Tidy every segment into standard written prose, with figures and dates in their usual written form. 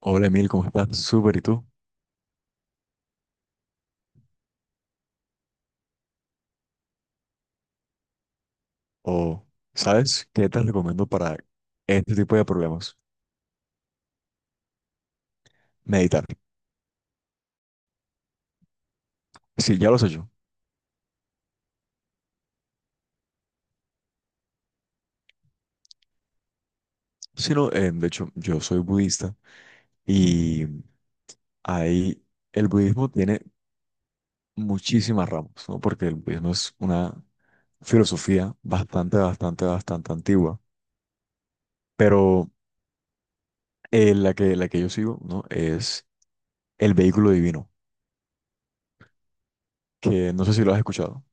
Hola Emil, ¿cómo estás? Súper, ¿y tú? O, ¿sabes qué te recomiendo para este tipo de problemas? Meditar. Sí, ya lo sé yo. Sí, no, de hecho, yo soy budista y ahí el budismo tiene muchísimas ramas, ¿no? Porque el budismo es una filosofía bastante, bastante, bastante antigua, pero la que yo sigo, ¿no? Es el vehículo divino, que no sé si lo has escuchado.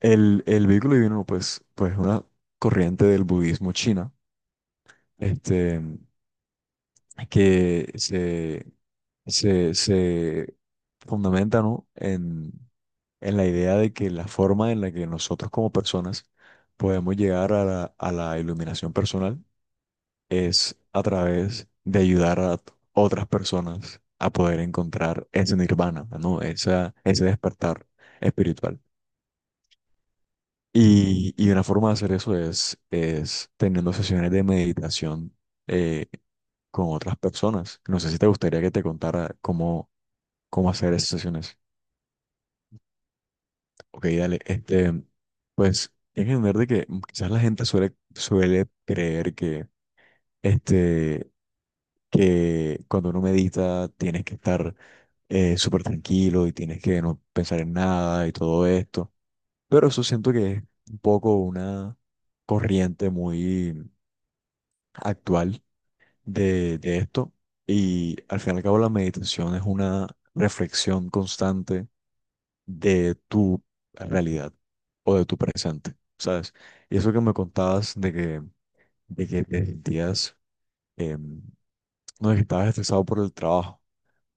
El vehículo divino, pues es una corriente del budismo china este, que se fundamenta, ¿no? en la idea de que la forma en la que nosotros como personas podemos llegar a la iluminación personal es a través de ayudar a otras personas a poder encontrar ese nirvana, ¿no? Ese despertar espiritual. Y una forma de hacer eso es teniendo sesiones de meditación eh, con otras personas. No sé si te gustaría que te contara cómo hacer esas sesiones. Ok, dale. Este, pues hay que entender de que quizás la gente suele creer que, este, que cuando uno medita tienes que estar súper tranquilo y tienes que no pensar en nada y todo esto. Pero eso siento que es un poco una corriente muy actual de esto y al fin y al cabo la meditación es una reflexión constante de tu realidad o de tu presente, ¿sabes? Y eso que me contabas de que te sentías, em, no, de que estabas estresado por el trabajo,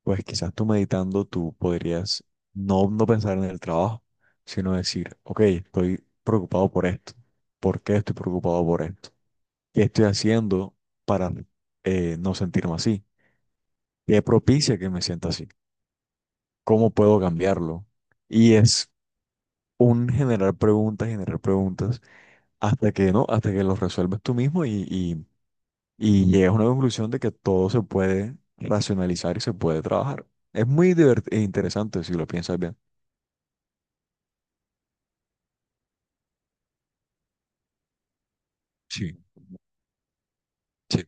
pues quizás tú meditando tú podrías no, no pensar en el trabajo, sino decir, ok, estoy preocupado por esto, ¿por qué estoy preocupado por esto? ¿Qué estoy haciendo para no sentirme así? ¿Qué propicia que me sienta así? ¿Cómo puedo cambiarlo? Y es un generar preguntas, hasta que no, hasta que los resuelves tú mismo y llegas a una conclusión de que todo se puede racionalizar y se puede trabajar. Es muy e interesante si lo piensas bien. Sí, sí.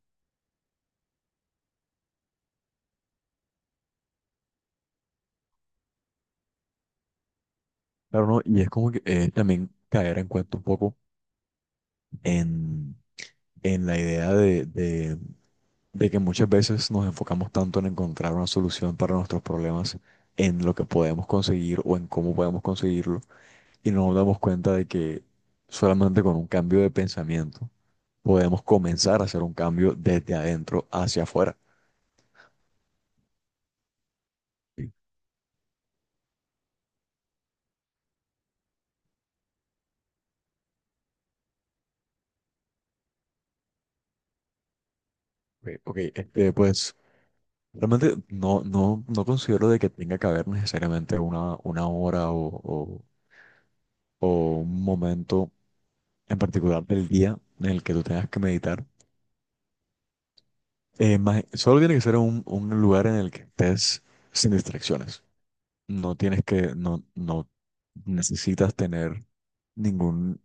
Claro, no, y es como que también caer en cuenta un poco en la idea de que muchas veces nos enfocamos tanto en encontrar una solución para nuestros problemas, en lo que podemos conseguir o en cómo podemos conseguirlo, y no nos damos cuenta de que solamente con un cambio de pensamiento podemos comenzar a hacer un cambio desde adentro hacia afuera. Sí. Ok, ok, este, pues realmente no considero de que tenga que haber necesariamente una hora o un momento en particular del día en el que tú tengas que meditar. Solo tiene que ser un lugar en el que estés sin distracciones. No tienes que, no necesitas tener ningún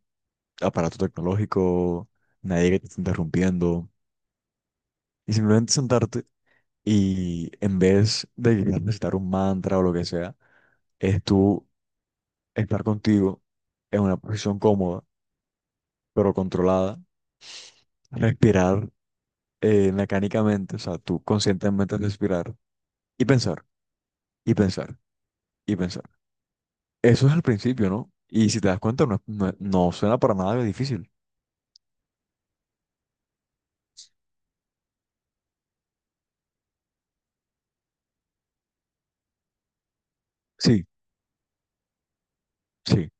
aparato tecnológico, nadie que te esté interrumpiendo. Y simplemente sentarte y en vez de quizás necesitar un mantra o lo que sea, es tú estar contigo en una posición cómoda, pero controlada, respirar mecánicamente, o sea, tú conscientemente respirar y pensar, y pensar, y pensar. Eso es al principio, ¿no? Y si te das cuenta, no, no suena para nada difícil. Sí, sí.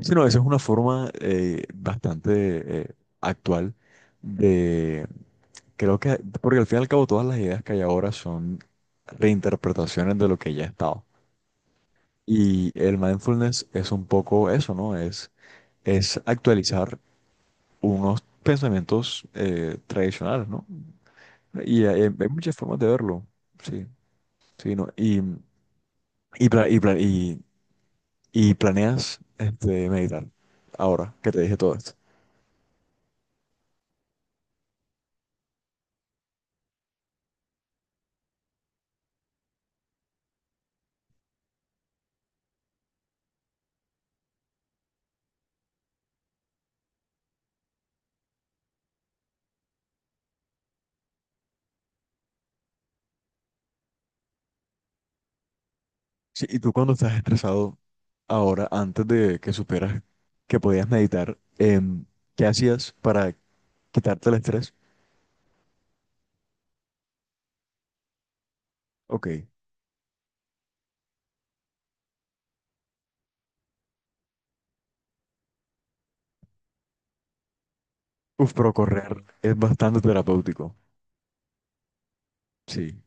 Sino, esa es una forma bastante actual de, creo que, porque al fin y al cabo todas las ideas que hay ahora son reinterpretaciones de lo que ya ha estado. Y el mindfulness es un poco eso, ¿no? Es actualizar unos pensamientos tradicionales, ¿no? Y hay muchas formas de verlo, sí, sí, ¿no? Y, pla- y, pla- y y planeas este, meditar ahora que te dije todo esto. Sí, y tú cuando estás estresado ahora, antes de que supieras que podías meditar, ¿qué hacías para quitarte el estrés? Ok. Uf, pero correr es bastante terapéutico. Sí.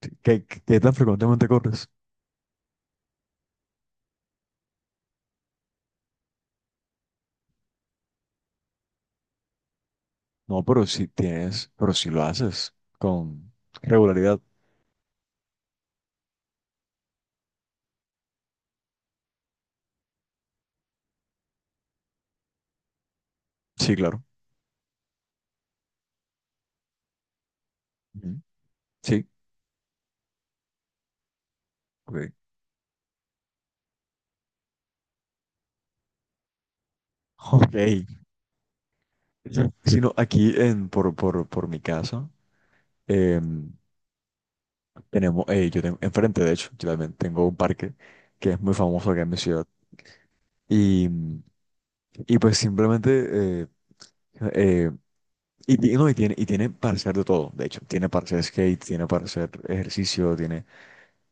Sí. ¿Qué tan frecuentemente corres? No, pero si lo haces con regularidad. Sí, claro. Ujú. Sí. Ok. Ok. Sino aquí por mi casa, em, yo tengo enfrente, de hecho, yo también tengo un parque que es muy famoso acá en mi ciudad. Y, y pues simplemente, eh, no, y tiene para hacer de todo, de hecho, tiene para hacer skate, tiene para hacer ejercicio, tiene.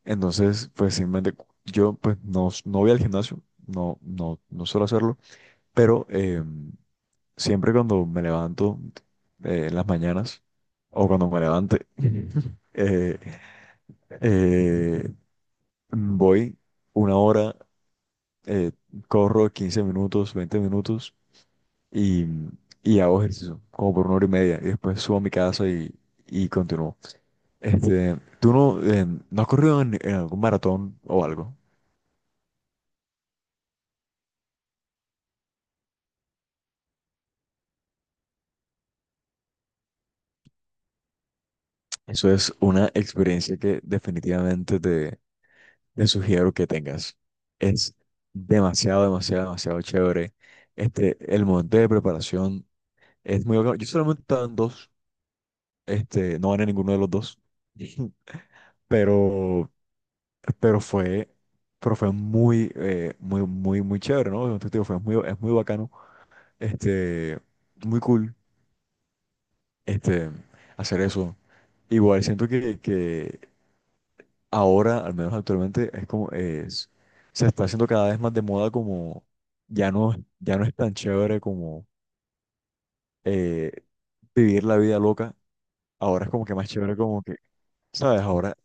Entonces, pues simplemente yo pues no, no voy al gimnasio, no suelo hacerlo, pero siempre cuando me levanto en las mañanas o cuando me levante, eh, eh, voy una hora eh, corro 15 minutos, 20 minutos y, y hago ejercicio, como por una hora y media, y después subo a mi casa y continúo. Este, ¿tú no, no has corrido en algún maratón o algo? Eso es una experiencia que definitivamente te sugiero que tengas. Es demasiado, demasiado, demasiado chévere. Este, el momento de preparación es muy bacano. Yo solamente he estado en dos, este, no gané ninguno de los dos, pero pero fue, pero fue muy, muy, muy, muy chévere, ¿no? Entonces, te digo, fue muy, es muy bacano, este, muy cool, este, hacer eso. Igual siento que ahora, al menos actualmente, es como, es, se está haciendo cada vez más de moda como, ya no, ya no es tan chévere como eh, vivir la vida loca, ahora es como que más chévere como que, ¿sabes? Ahora,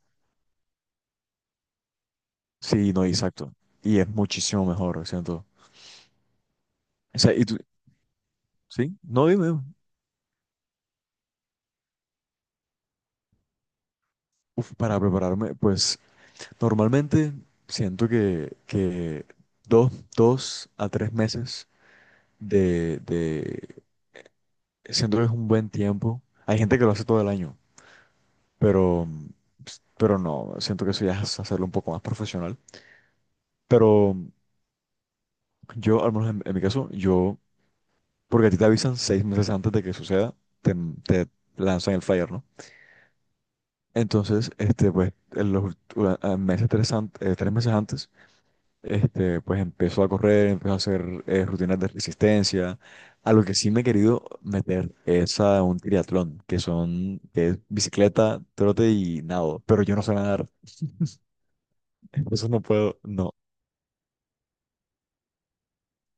sí, no, exacto, y es muchísimo mejor, siento. O sea, y tú, ¿sí? No, dime. Dime. Uf, para prepararme, pues normalmente siento que dos a tres meses de. Siento que es un buen tiempo. Hay gente que lo hace todo el año, pero, pero no, siento que eso ya es hacerlo un poco más profesional. Pero yo, al menos en mi caso, yo, porque a ti te avisan 6 meses antes de que suceda, te, te lanzan el flyer, ¿no? Entonces, este, pues, en los ult- a meses, tres, an- 3 meses antes. Este, pues empezó a correr, empezó a hacer rutinas de resistencia. A lo que sí me he querido meter es a un triatlón, que es bicicleta, trote y nado, pero yo no sé nadar, entonces no puedo, no.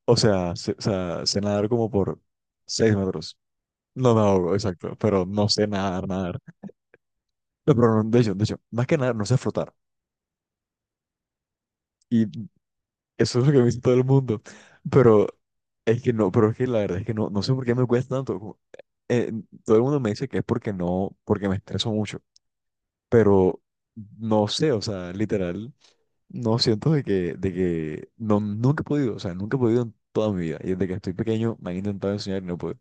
O sea, sé nadar como por 6 metros. No me ahogo, exacto, pero no sé nadar, nadar. No, pero no, de hecho, más que nadar, no sé flotar. Y eso es lo que me dice todo el mundo. Pero es que no, pero es que la verdad es que no sé por qué me cuesta tanto. eh, todo el mundo me dice que es porque no, porque me estreso mucho, pero no sé, o sea, literal, no siento de que, no, nunca he podido, o sea, nunca he podido en toda mi vida, y desde que estoy pequeño me han intentado enseñar y no puedo.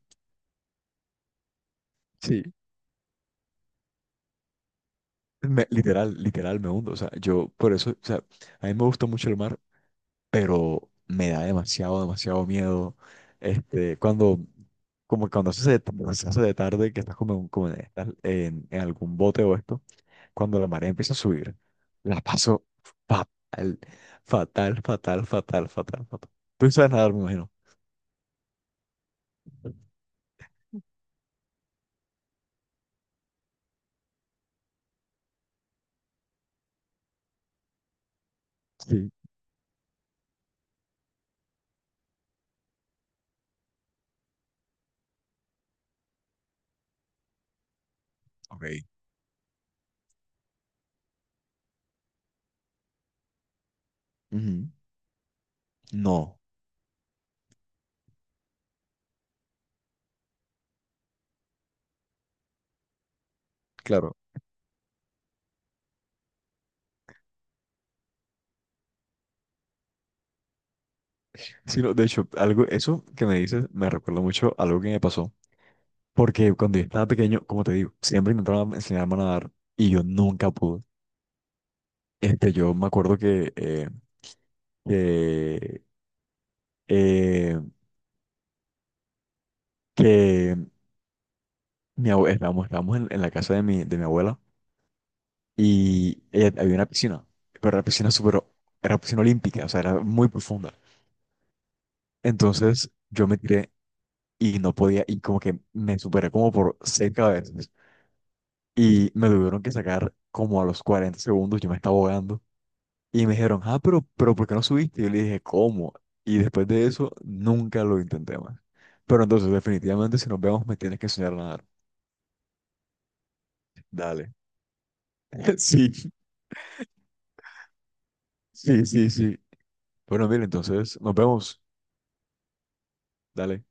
Sí, literal, me hundo, o sea, yo por eso, o sea, a mí me gusta mucho el mar, pero me da demasiado, demasiado miedo, este, cuando. Como cuando se hace de tarde, que estás como, como en, estás en algún bote o esto, cuando la marea empieza a subir, la paso fatal, fatal, fatal, fatal, fatal, fatal. Tú no sabes nadar, me imagino. Sí. Ok. Ujú. No, claro. Sino, de hecho, algo, eso que me dices me recuerda mucho a algo que me pasó. Porque cuando yo estaba pequeño, como te digo, siempre intentaban enseñarme a nadar y yo nunca pude. Este, yo me acuerdo que, eh, que estábamos en la casa de mi abuela y había una piscina, pero era piscina súper, era piscina olímpica, o sea, era muy profunda. Entonces yo me tiré y no podía, y como que me superé como por 6 cabezas. Y me tuvieron que sacar como a los 40 segundos, yo me estaba ahogando. Y me dijeron, ah, pero ¿por qué no subiste? Y yo le dije, ¿cómo? Y después de eso, nunca lo intenté más. Pero entonces, definitivamente, si nos vemos, me tienes que enseñar a nadar. Dale. Sí, sí, sí, sí. Bueno, mira, entonces, nos vemos. Dale.